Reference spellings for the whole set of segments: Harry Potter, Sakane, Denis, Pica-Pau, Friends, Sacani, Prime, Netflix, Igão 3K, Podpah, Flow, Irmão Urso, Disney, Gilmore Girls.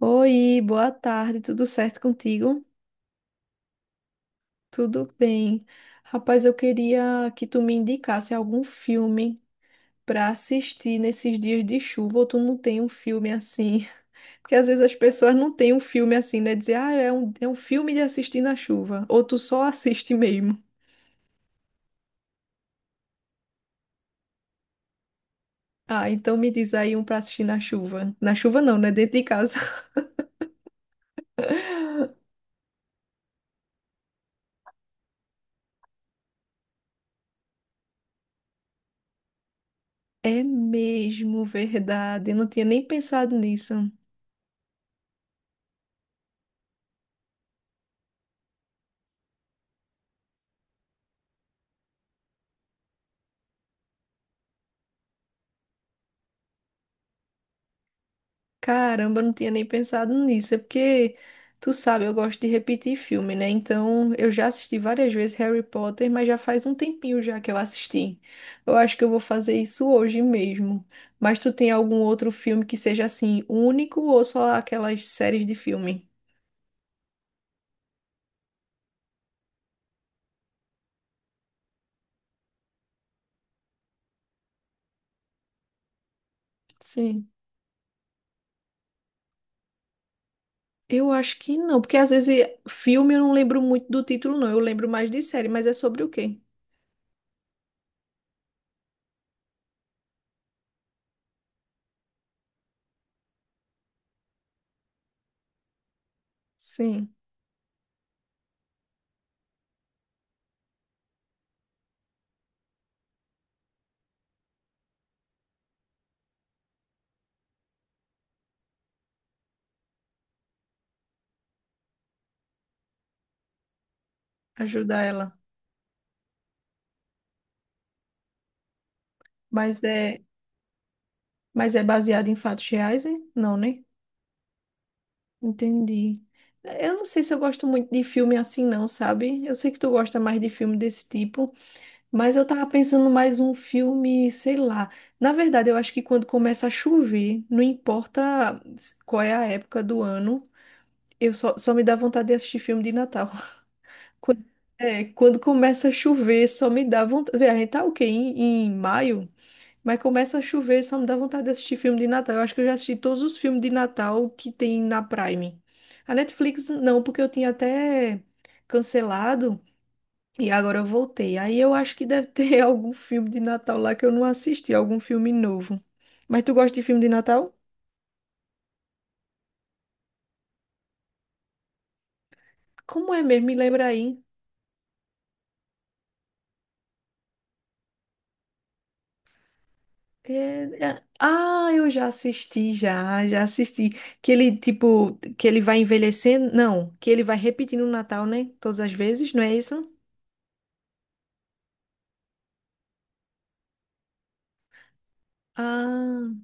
Oi, boa tarde, tudo certo contigo? Tudo bem. Rapaz, eu queria que tu me indicasse algum filme para assistir nesses dias de chuva, ou tu não tem um filme assim? Porque às vezes as pessoas não têm um filme assim, né? Dizer, ah, é um filme de assistir na chuva, ou tu só assiste mesmo. Ah, então me diz aí um para assistir na chuva. Na chuva não, né? Dentro de casa. É mesmo, verdade. Eu não tinha nem pensado nisso. Caramba, eu não tinha nem pensado nisso. É porque, tu sabe, eu gosto de repetir filme, né? Então, eu já assisti várias vezes Harry Potter, mas já faz um tempinho já que eu assisti. Eu acho que eu vou fazer isso hoje mesmo. Mas tu tem algum outro filme que seja assim, único ou só aquelas séries de filme? Sim. Eu acho que não, porque às vezes filme eu não lembro muito do título, não. Eu lembro mais de série, mas é sobre o quê? Sim. Ajudar ela. Mas é, mas é baseado em fatos reais, hein? Não, né? Entendi. É, eu não sei se eu gosto muito de filme assim, não, sabe? Eu sei que tu gosta mais de filme desse tipo, mas eu tava pensando mais um filme, sei lá. Na verdade, eu acho que quando começa a chover, não importa qual é a época do ano, eu só me dá vontade de assistir filme de Natal. Quando, quando começa a chover, só me dá vontade. Vê, a gente tá o quê? Em maio? Mas começa a chover, só me dá vontade de assistir filme de Natal. Eu acho que eu já assisti todos os filmes de Natal que tem na Prime. A Netflix não, porque eu tinha até cancelado e agora eu voltei. Aí eu acho que deve ter algum filme de Natal lá que eu não assisti, algum filme novo. Mas tu gosta de filme de Natal? Como é mesmo? Me lembra aí. É, ah, eu já assisti, já assisti. Que ele, tipo, que ele vai envelhecendo? Não, que ele vai repetindo o Natal, né? Todas as vezes, não é isso? Ah.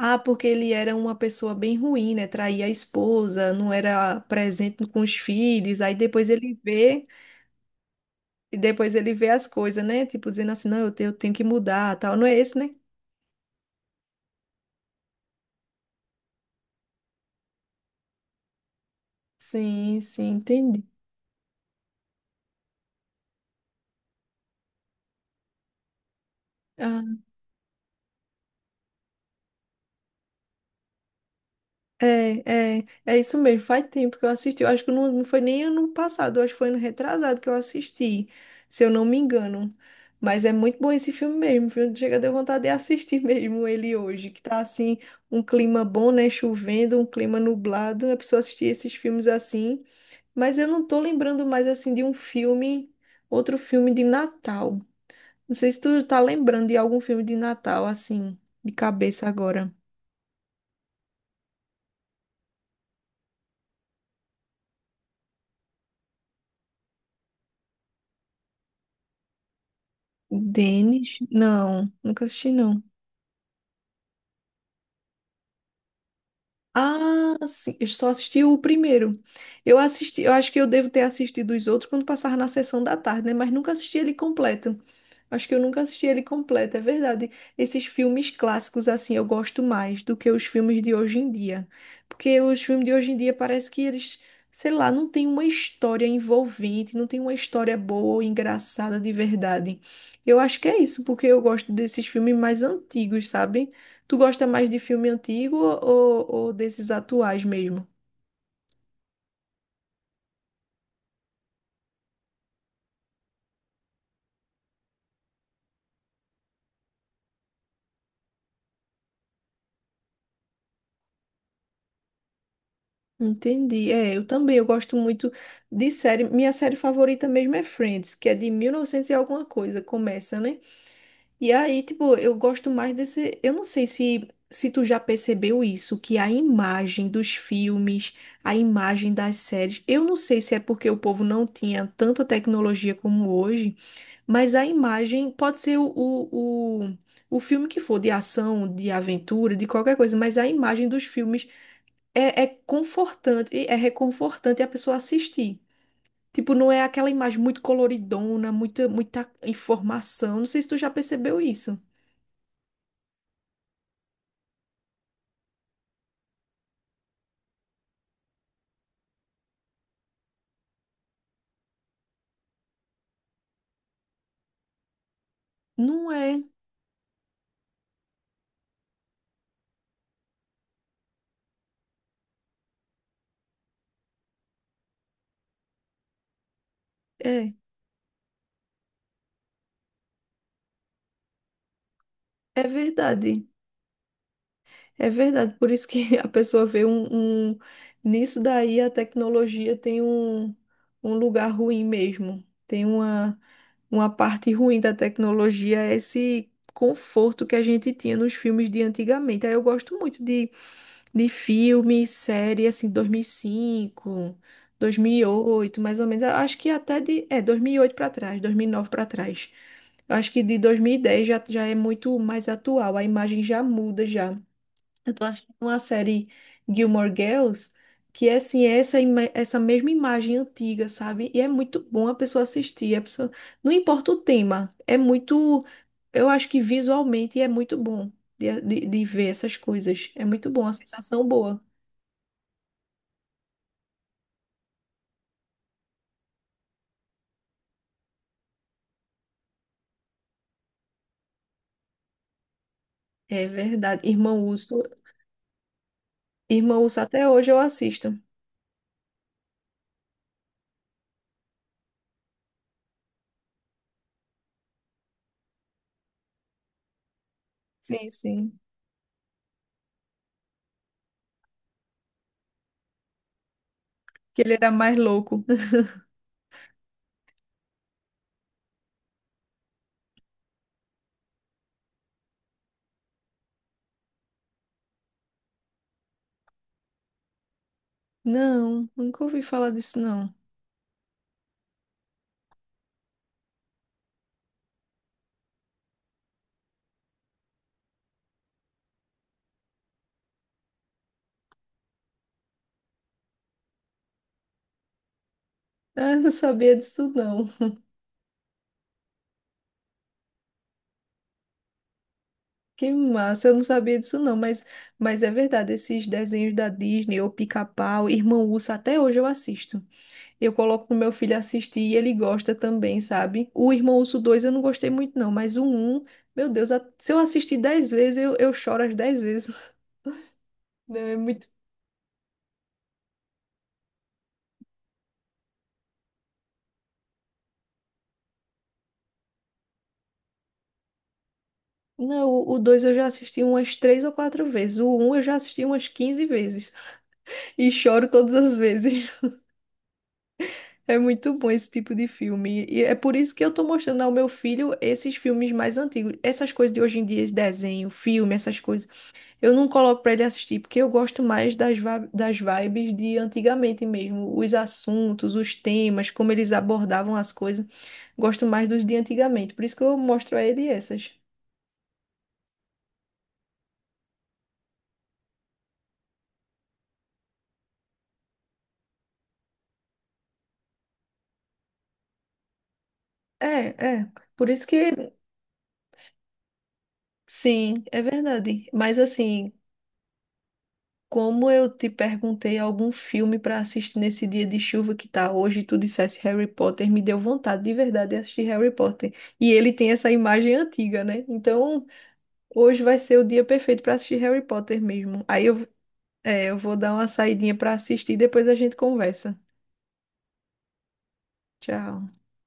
Ah, porque ele era uma pessoa bem ruim, né? Traía a esposa, não era presente com os filhos. Aí depois ele vê, e depois ele vê as coisas, né? Tipo, dizendo assim, não, eu tenho que mudar, tal. Não é esse, né? Sim, sim, entendi. É isso mesmo. Faz tempo que eu assisti. Eu acho que não foi nem ano passado, eu acho que foi ano retrasado que eu assisti, se eu não me engano. Mas é muito bom esse filme mesmo, viu? Chega, deu vontade de assistir mesmo ele hoje, que tá assim, um clima bom, né? Chovendo, um clima nublado. A pessoa assistir esses filmes assim. Mas eu não tô lembrando mais assim de um filme, outro filme de Natal. Não sei se tu tá lembrando de algum filme de Natal, assim, de cabeça agora. Denis? Não, nunca assisti, não. Ah, sim, eu só assisti o primeiro. Eu assisti, eu acho que eu devo ter assistido os outros quando passava na sessão da tarde, né? Mas nunca assisti ele completo. Acho que eu nunca assisti ele completo, é verdade. Esses filmes clássicos, assim, eu gosto mais do que os filmes de hoje em dia. Porque os filmes de hoje em dia parece que eles, sei lá, não tem uma história envolvente, não tem uma história boa, engraçada de verdade. Eu acho que é isso, porque eu gosto desses filmes mais antigos, sabe? Tu gosta mais de filme antigo ou desses atuais mesmo? Entendi. É, eu também, eu gosto muito de série. Minha série favorita mesmo é Friends, que é de 1900 e novecentos e alguma coisa, começa, né? E aí, tipo, eu gosto mais desse. Eu não sei se tu já percebeu isso, que a imagem dos filmes, a imagem das séries. Eu não sei se é porque o povo não tinha tanta tecnologia como hoje. Mas a imagem pode ser o filme que for, de ação, de aventura, de qualquer coisa, mas a imagem dos filmes é confortante, é reconfortante a pessoa assistir. Tipo, não é aquela imagem muito coloridona, muita, muita informação. Não sei se tu já percebeu isso. Não é, é, é verdade. É verdade, por isso que a pessoa vê um, Nisso daí a tecnologia tem um, lugar ruim mesmo. Tem uma parte ruim da tecnologia, é esse conforto que a gente tinha nos filmes de antigamente. Aí eu gosto muito de filme, série, assim, dois mil e cinco, 2008, mais ou menos. Eu acho que É, 2008 para trás, 2009 para trás. Eu acho que de 2010 já é muito mais atual, a imagem já muda já. Eu tô assistindo uma série Gilmore Girls, que é assim, é essa mesma imagem antiga, sabe? E é muito bom a pessoa assistir. Não importa o tema, é muito. Eu acho que visualmente é muito bom de ver essas coisas. É muito bom, a sensação boa. É verdade. Irmão Urso, Irmão Urso, até hoje eu assisto. Sim, sim. Que ele era mais louco. Não, nunca ouvi falar disso, não. Ah, eu não sabia disso, não. Que massa, eu não sabia disso não, mas é verdade, esses desenhos da Disney, ou Pica-Pau, Irmão Urso, até hoje eu assisto. Eu coloco pro meu filho assistir e ele gosta também, sabe? O Irmão Urso 2 eu não gostei muito não, mas o um, meu Deus, se eu assistir 10 vezes, eu choro as 10 vezes. Não, é muito... Não, o 2 eu já assisti umas 3 ou 4 vezes, o um eu já assisti umas 15 vezes e choro todas as vezes. É muito bom esse tipo de filme. E é por isso que eu tô mostrando ao meu filho esses filmes mais antigos. Essas coisas de hoje em dia, de desenho, filme, essas coisas. Eu não coloco pra ele assistir, porque eu gosto mais das vibes de antigamente mesmo. Os assuntos, os temas, como eles abordavam as coisas. Gosto mais dos de antigamente. Por isso que eu mostro a ele essas. É, é. Por isso que. Sim, é verdade. Mas assim, como eu te perguntei algum filme para assistir nesse dia de chuva que tá hoje, e tu dissesse Harry Potter, me deu vontade de verdade de assistir Harry Potter. E ele tem essa imagem antiga, né? Então, hoje vai ser o dia perfeito para assistir Harry Potter mesmo. Aí eu vou dar uma saidinha para assistir e depois a gente conversa. Tchau.